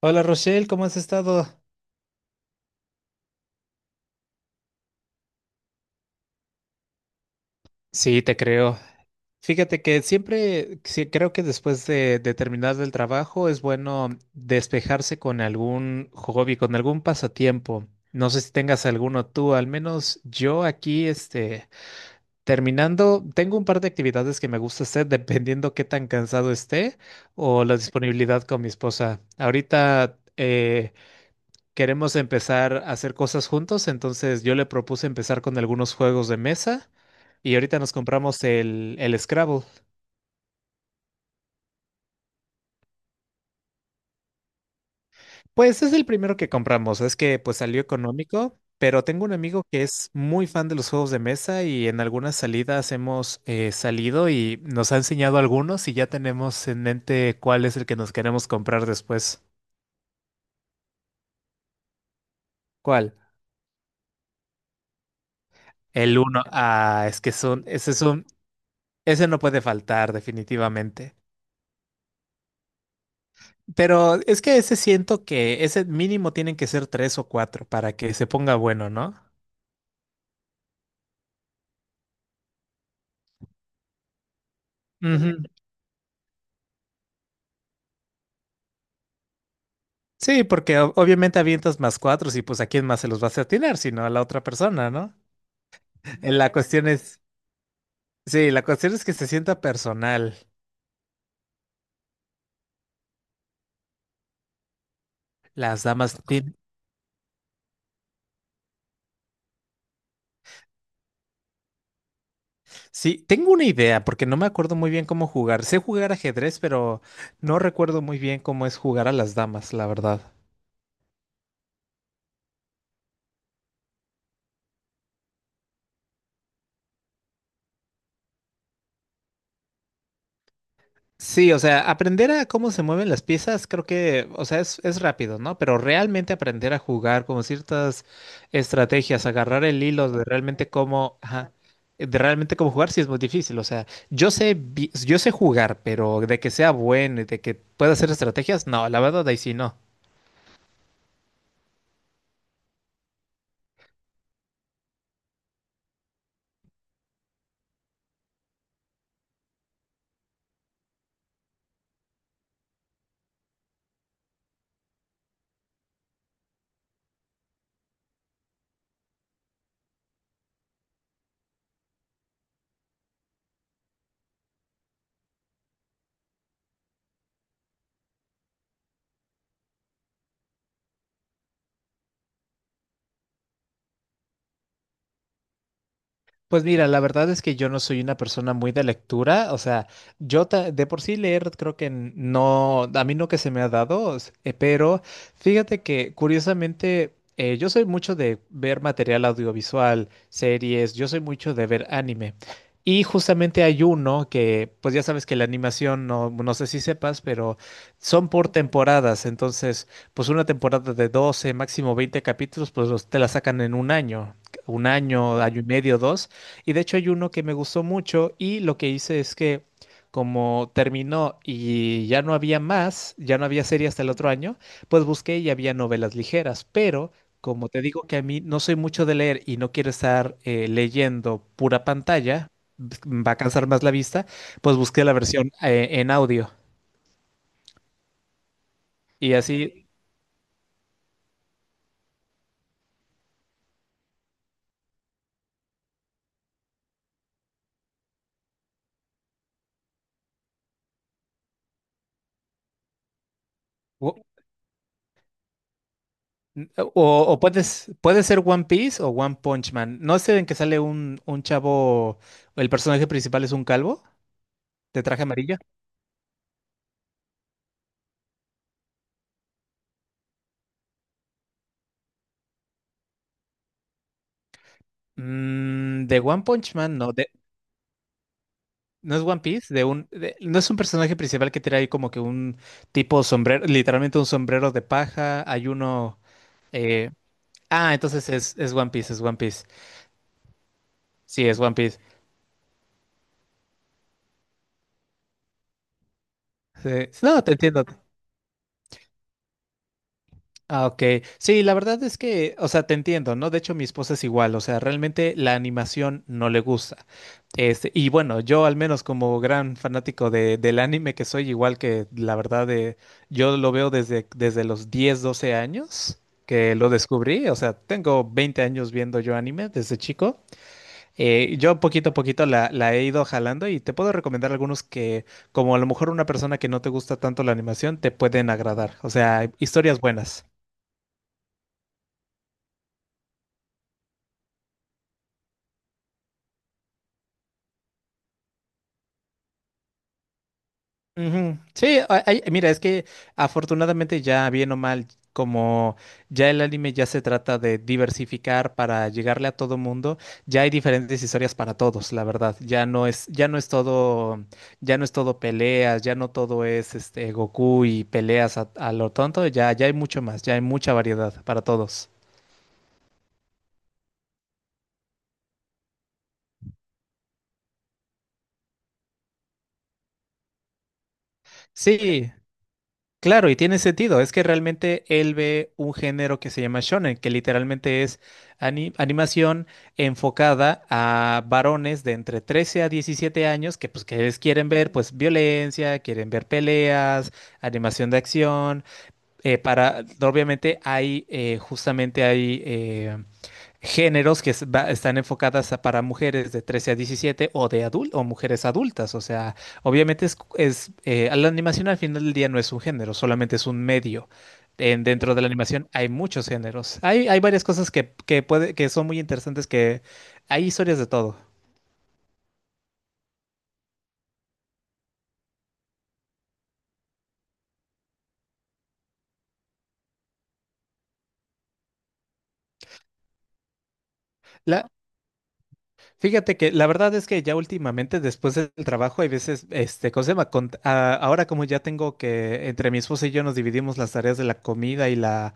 Hola Rochelle, ¿cómo has estado? Sí, te creo. Fíjate que siempre sí, creo que después de terminar el trabajo es bueno despejarse con algún hobby, con algún pasatiempo. No sé si tengas alguno tú, al menos yo aquí, terminando, tengo un par de actividades que me gusta hacer dependiendo qué tan cansado esté o la disponibilidad con mi esposa. Ahorita, queremos empezar a hacer cosas juntos, entonces yo le propuse empezar con algunos juegos de mesa y ahorita nos compramos el Scrabble. Pues es el primero que compramos, es que pues salió económico, pero tengo un amigo que es muy fan de los juegos de mesa y en algunas salidas hemos salido y nos ha enseñado algunos y ya tenemos en mente cuál es el que nos queremos comprar después. ¿Cuál? El uno. Ah, es que son, ese es un, ese no puede faltar definitivamente. Pero es que ese siento que ese mínimo tienen que ser tres o cuatro para que se ponga bueno, ¿no? Ujú. Sí, porque obviamente avientas más cuatro y pues a quién más se los vas a atinar, sino a la otra persona, ¿no? Eh, La cuestión es, sí, la cuestión es que se sienta personal. Las damas tien- Sí, tengo una idea porque no me acuerdo muy bien cómo jugar. Sé jugar ajedrez, pero no recuerdo muy bien cómo es jugar a las damas, la verdad. Sí, o sea, aprender a cómo se mueven las piezas, creo que, o sea, es rápido, ¿no? Pero realmente aprender a jugar como ciertas estrategias, agarrar el hilo de realmente cómo, ajá, de realmente cómo jugar, sí es muy difícil. O sea, yo sé, yo sé jugar, pero de que sea bueno y de que pueda hacer estrategias, no, la verdad ahí sí no. Pues mira, la verdad es que yo no soy una persona muy de lectura, o sea, de por sí leer creo que a mí no que se me ha dado, pero fíjate que curiosamente yo soy mucho de ver material audiovisual, series, yo soy mucho de ver anime. Y justamente hay uno que, pues ya sabes que la animación, no, no sé si sepas, pero son por temporadas, entonces, pues una temporada de 12, máximo 20 capítulos, pues te la sacan en un año, año y medio, dos. Y de hecho hay uno que me gustó mucho y lo que hice es que como terminó y ya no había más, ya no había serie hasta el otro año, pues busqué y había novelas ligeras, pero como te digo que a mí no soy mucho de leer y no quiero estar leyendo pura pantalla, b- va a cansar más la vista, pues busqué la versión en audio y así... o- O, o puedes, puede ser One Piece o One Punch Man. ¿No es el en que sale un chavo, el personaje principal es un calvo de traje amarillo? De One Punch Man, no es One Piece, no es un personaje principal que tiene ahí como que un tipo sombrero, literalmente un sombrero de paja, hay uno... eh, entonces es One Piece, es One Piece. Sí, es One Piece. Sí, no, te entiendo. Ah, ok. Sí, la verdad es que, o sea, te entiendo, ¿no? De hecho, mi esposa es igual, o sea, realmente la animación no le gusta. Y bueno, yo al menos como gran fanático del anime que soy, igual que la verdad de, yo lo veo desde los 10, 12 años que lo descubrí, o sea, tengo 20 años viendo yo anime desde chico. Yo poquito a poquito la he ido jalando y te puedo recomendar algunos que, como a lo mejor una persona que no te gusta tanto la animación, te pueden agradar, o sea, historias buenas. Ujú. Sí, mira, es que afortunadamente ya bien o mal, como ya el anime ya se trata de diversificar para llegarle a todo mundo, ya hay diferentes historias para todos, la verdad. Ya no es todo peleas, ya no todo es este Goku y peleas a lo tonto, ya hay mucho más, ya hay mucha variedad para todos. Sí, claro, y tiene sentido. Es que realmente él ve un género que se llama shonen, que literalmente es animación enfocada a varones de entre 13 a 17 años que pues quieren ver pues violencia, quieren ver peleas, animación de acción. Para obviamente hay justamente hay géneros están enfocadas para mujeres de 13 a 17 o de adul- o mujeres adultas. O sea, obviamente la animación al final del día no es un género, solamente es un medio. Dentro de la animación hay muchos géneros. Hay varias cosas que puede, que son muy interesantes, que hay historias de todo. La, fíjate que la verdad es que ya últimamente, después del trabajo, hay veces, este, ¿cómo se llama? Ahora como ya tengo que, entre mi esposa y yo nos dividimos las tareas de la comida y la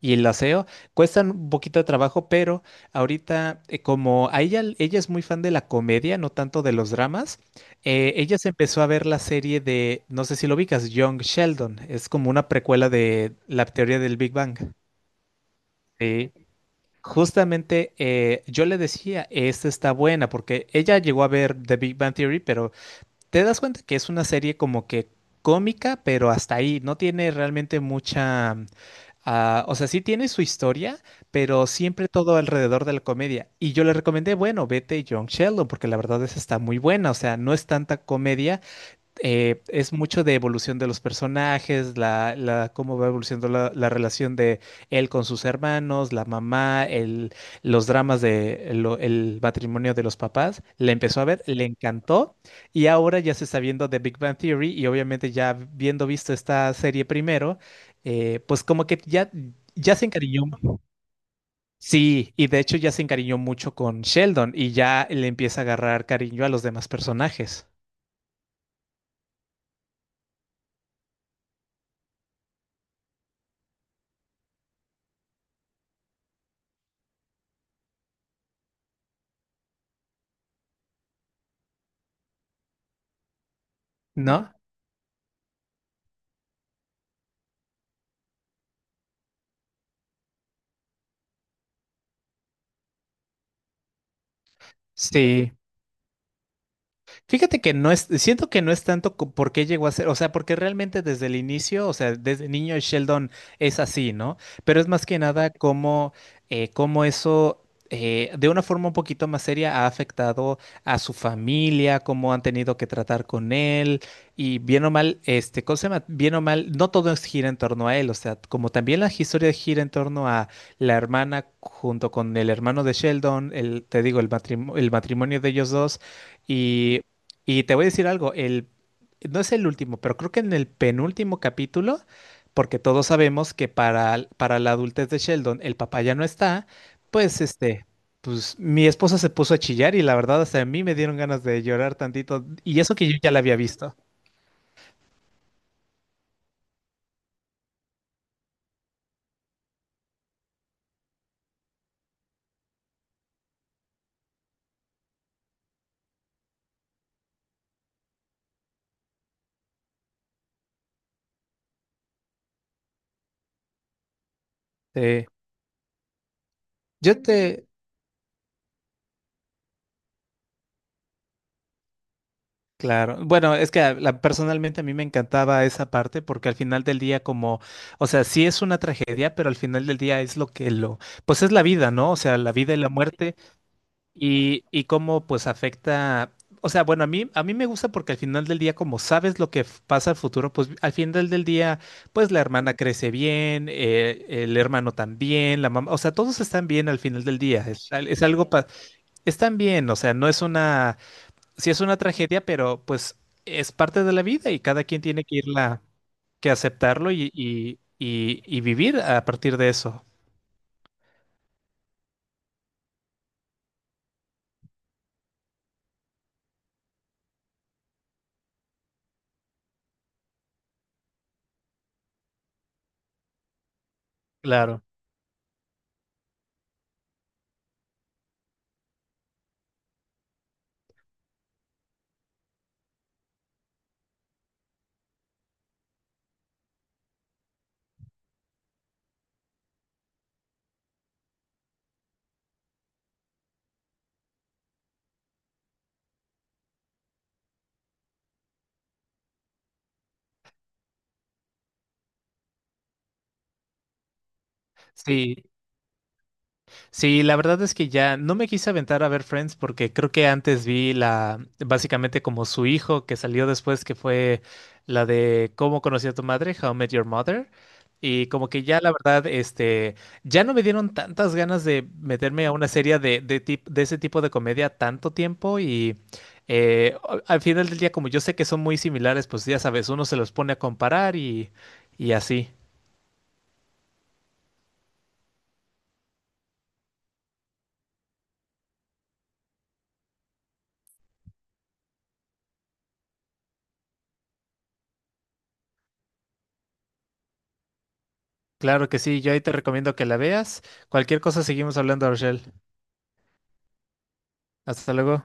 y el aseo cuestan un poquito de trabajo, pero ahorita, como a ella, ella es muy fan de la comedia, no tanto de los dramas, ella se empezó a ver la serie de, no sé si lo ubicas, Young Sheldon. Es como una precuela de la teoría del Big Bang. Sí. Justamente yo le decía, esta está buena, porque ella llegó a ver The Big Bang Theory, pero te das cuenta que es una serie como que cómica, pero hasta ahí, no tiene realmente mucha. Ah, o sea, sí tiene su historia, pero siempre todo alrededor de la comedia. Y yo le recomendé, bueno, vete John Sheldon, porque la verdad es que está muy buena. O sea, no es tanta comedia, es mucho de evolución de los personajes, cómo va evolucionando la relación de él con sus hermanos, la mamá, el, los dramas de el matrimonio de los papás. Le empezó a ver, le encantó y ahora ya se está viendo The Big Bang Theory y obviamente ya viendo visto esta serie primero, eh, pues como que ya, ya se encariñó. Sí, y de hecho ya se encariñó mucho con Sheldon y ya le empieza a agarrar cariño a los demás personajes, ¿no? Sí. Fíjate que no es, siento que no es tanto por qué llegó a ser, o sea, porque realmente desde el inicio, o sea, desde niño Sheldon es así, ¿no? Pero es más que nada cómo, eh, cómo eso, de una forma un poquito más seria, ha afectado a su familia, cómo han tenido que tratar con él, y bien o mal, este, ¿cómo se llama? Bien o mal, no todo es- gira en torno a él, o sea, como también la historia gira en torno a la hermana junto con el hermano de Sheldon, el, te digo, el matrimonio de ellos dos. Y y te voy a decir algo, el, no es el último, pero creo que en el penúltimo capítulo, porque todos sabemos que para, para la adultez de Sheldon el papá ya no está, pues pues mi esposa se puso a chillar y la verdad hasta a mí me dieron ganas de llorar tantito, y eso que yo ya la había visto. Sí. Yo te, claro, bueno, es que personalmente a mí me encantaba esa parte porque al final del día como, o sea, sí es una tragedia, pero al final del día es lo que lo, pues es la vida, ¿no? O sea, la vida y la muerte. Y cómo pues afecta, o sea, bueno, a mí me gusta porque al final del día, como sabes lo que pasa al futuro, pues al final del día, pues la hermana crece bien, el hermano también, la mamá, o sea, todos están bien al final del día, es algo, están bien, o sea, no es una, sí es una tragedia, pero pues es parte de la vida y cada quien tiene que irla, que aceptarlo y vivir a partir de eso. Claro. Sí, sí, la verdad es que ya no me quise aventar a ver Friends porque creo que antes vi la, básicamente como su hijo que salió después, que fue la de Cómo conocí a tu madre, How I Met Your Mother. Y como que ya la verdad, ya no me dieron tantas ganas de meterme a una serie de ese tipo de comedia tanto tiempo y al final del día, como yo sé que son muy similares, pues ya sabes, uno se los pone a comparar y así. Claro que sí, yo ahí te recomiendo que la veas. Cualquier cosa seguimos hablando, Rochelle. Hasta luego.